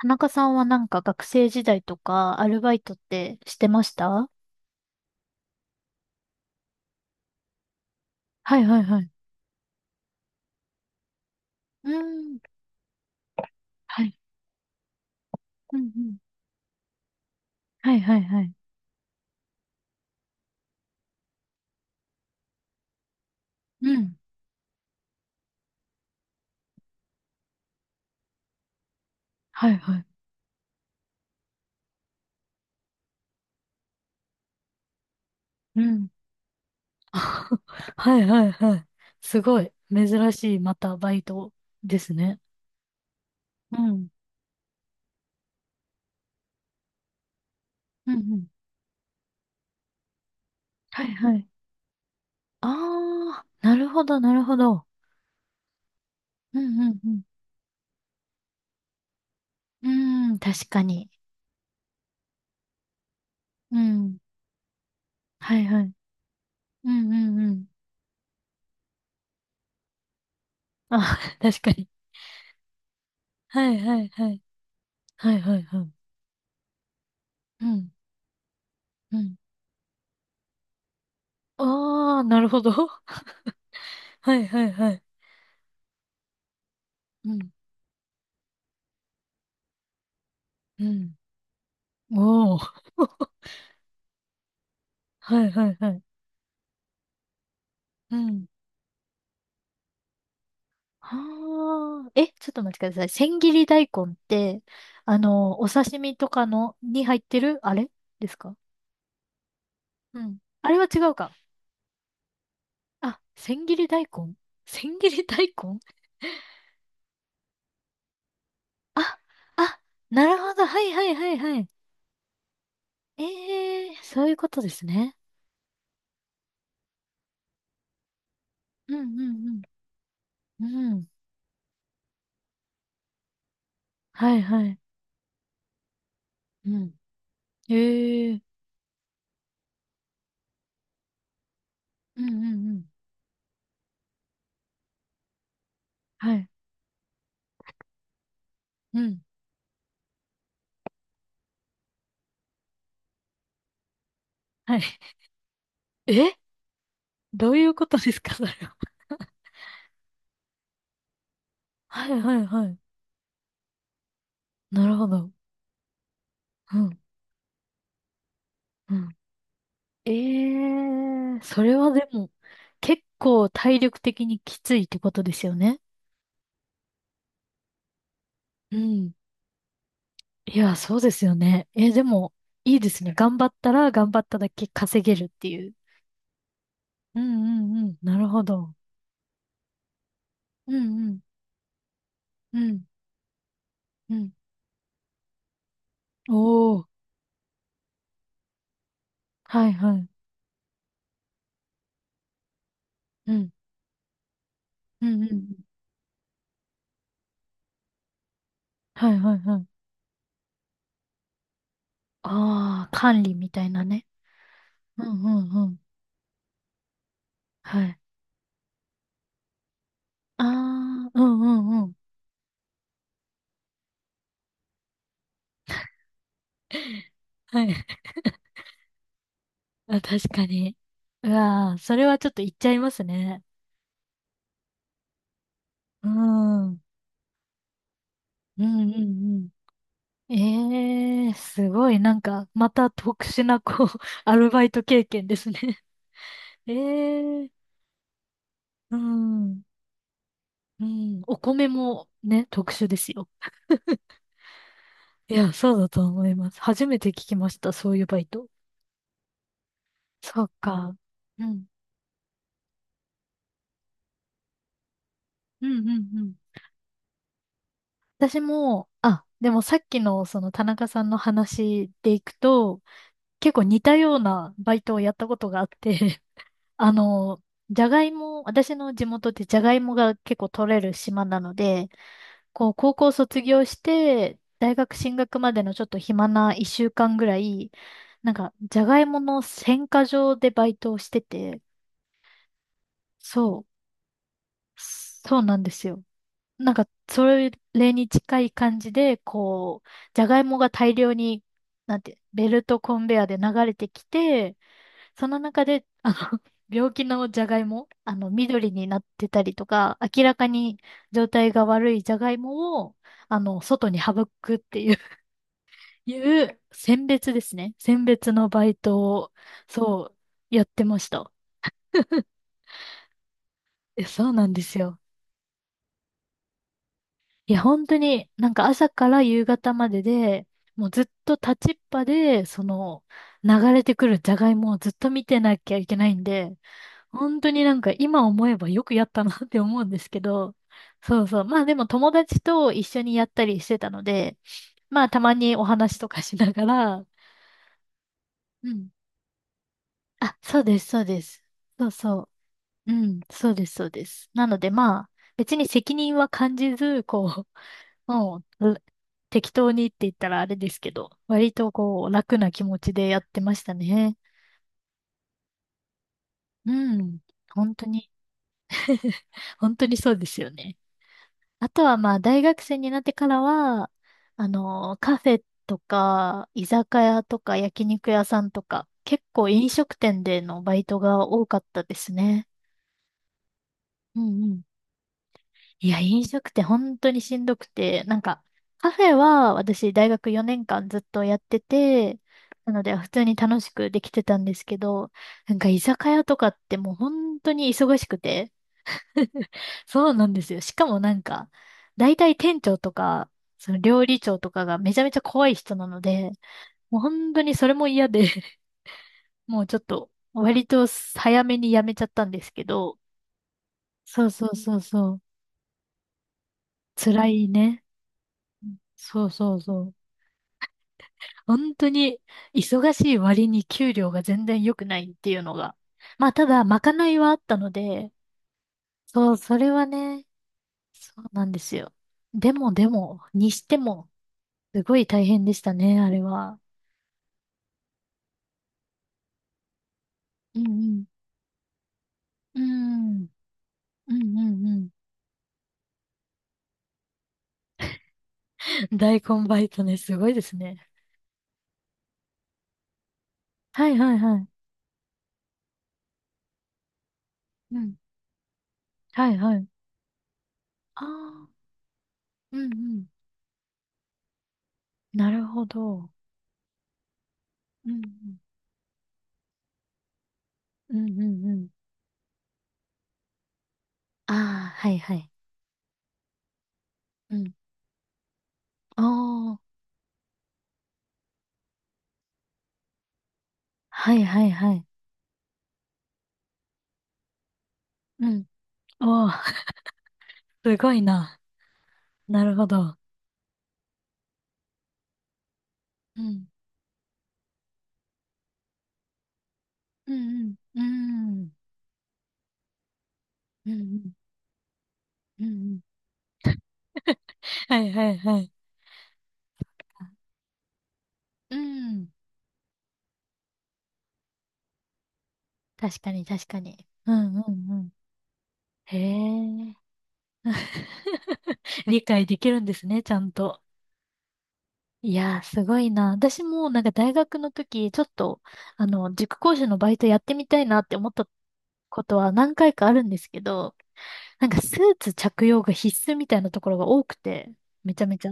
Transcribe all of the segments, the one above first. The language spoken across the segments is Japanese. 田中さんはなんか学生時代とかアルバイトってしてましたはいはいはい。うん。はい。うんうん。はいはいはい。うん。はいはい。うん。はいはいはい。すごい。珍しい、またバイトですね。うん。うんうん。はいはい。ああ、なるほど、なるほど。うんうんうん。うーん、確かに。うん。はいはい。うんうんうん。あ、確かに。はいはいはい。はいはいはい。うん。うん。ああ、なるほど。はいはいはい。うん。うん。おお。はいはいはい。うん。はあ。え、ちょっと待ってください。千切り大根って、お刺身とかの、に入ってる、あれですか？うん。あれは違うか。あ、千切り大根千切り大根 あ、あ、なるほど。はいはいはいはい。ええー、そういうことですね。うんうんうん。うん。はいはい。うん。ええーうんうんうん。はい。うん。はい。えどういうことですか、それは。はいはいはい。なるほど。うん。うん。ええそれはでも、結構体力的にきついってことですよね。うん。いや、そうですよね。え、でも、いいですね。頑張ったら頑張っただけ稼げるっていう。うんうんうん。なるほど。うんうん。うんうん。おー。はいはい。うん。うんうんうんうん。はいはいはい。ああ、管理みたいなね。うんうんうん。はい。ああ、うんうんうん。はい。あ、確かに。うわー、それはちょっと言っちゃいますね。うん。うんうんうん。ええー、すごい。なんか、また特殊な、こう、アルバイト経験ですね。ええー、うん。うん。お米もね、特殊ですよ。いや、そうだと思います。初めて聞きました。そういうバイト。そうか。うん。うんうんうん。私も、あ、でもさっきのその田中さんの話でいくと、結構似たようなバイトをやったことがあって、あの、じゃがいも、私の地元ってじゃがいもが結構取れる島なので、こう高校卒業して、大学進学までのちょっと暇な一週間ぐらい、なんか、じゃがいもの選果場でバイトをしてて、そう、そうなんですよ。なんか、それに近い感じで、こう、じゃがいもが大量に、なんて、ベルトコンベアで流れてきて、その中で、病気のじゃがいも、緑になってたりとか、明らかに状態が悪いじゃがいもを、外に省くっていう いう選別ですね。選別のバイトを、そう、やってました。え、そうなんですよ。いや、本当になんか朝から夕方までで、もうずっと立ちっぱで、その流れてくるじゃがいもをずっと見てなきゃいけないんで、本当になんか今思えばよくやったなって思うんですけど、そうそう。まあでも友達と一緒にやったりしてたので、まあたまにお話とかしながら、うん。あ、そうです、そうです。そうそう。うん、そうです、そうです。なのでまあ、別に責任は感じず、こう、もうん、ら適当にって言ったらあれですけど、割とこう、楽な気持ちでやってましたね。うん。本当に、本当にそうですよね。あとはまあ、大学生になってからは、カフェとか、居酒屋とか、焼肉屋さんとか、結構飲食店でのバイトが多かったですね。うんうん。いや、飲食って本当にしんどくて、なんか、カフェは私大学4年間ずっとやってて、なので普通に楽しくできてたんですけど、なんか居酒屋とかってもう本当に忙しくて。そうなんですよ。しかもなんか、大体店長とか、その料理長とかがめちゃめちゃ怖い人なので、もう本当にそれも嫌で、もうちょっと割と早めに辞めちゃったんですけど、そうそうそうそう、辛いね。そうそうそう。本当に忙しい割に給料が全然良くないっていうのが。まあただ、まかないはあったので、そう、それはね、そうなんですよ。でもでも、にしても、すごい大変でしたね、あれは。うんうん。うん。うんうんうん。大根バイトね、すごいですね。はいはいはい。うん。はいはい。ああ、うんうん。なるほど。うんうん。うんうんうん。ああ、はいはい。うん。ああ、はいはいはい。うん。おー、すごいな。なるほど。うん、うん、うん、うん、うん、うん、うん。はいはいはい。うん。確かに確かに。うんうんうん。へえ。理解できるんですね、ちゃんと。いやー、すごいな。私もなんか大学の時、ちょっと、塾講師のバイトやってみたいなって思ったことは何回かあるんですけど、なんかスーツ着用が必須みたいなところが多くて、めちゃめちゃ。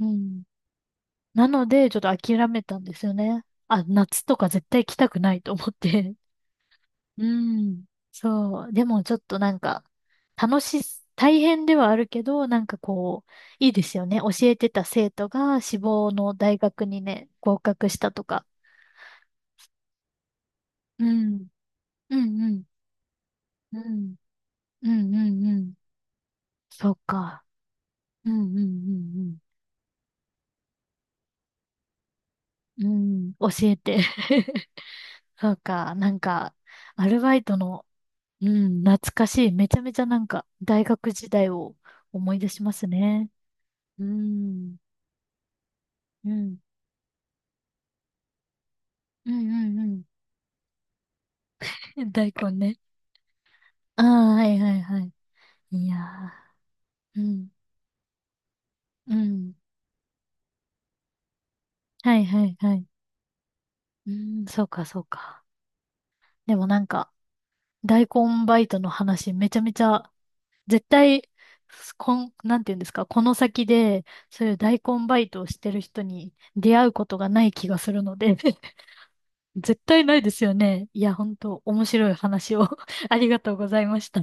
うん。なので、ちょっと諦めたんですよね。あ、夏とか絶対来たくないと思って。うん。そう。でもちょっとなんか、楽しい、大変ではあるけど、なんかこう、いいですよね。教えてた生徒が志望の大学にね、合格したとか。うん。うんうん。うん。うんうんうん。そうか。うんうんうんうん。うん。教えて。そうか。なんか、アルバイトのうん、懐かしい。めちゃめちゃなんか、大学時代を思い出しますね。うん、うん、うん、うん、うん。大根ね。ああ、はいはいはい。いやー、うん、うん。はいはいはい。うん、そうかそうか。でもなんか、大根バイトの話、めちゃめちゃ、絶対、こん、なんていうんですか、この先で、そういう大根バイトをしてる人に出会うことがない気がするので。絶対ないですよね。いや、本当面白い話を ありがとうございました。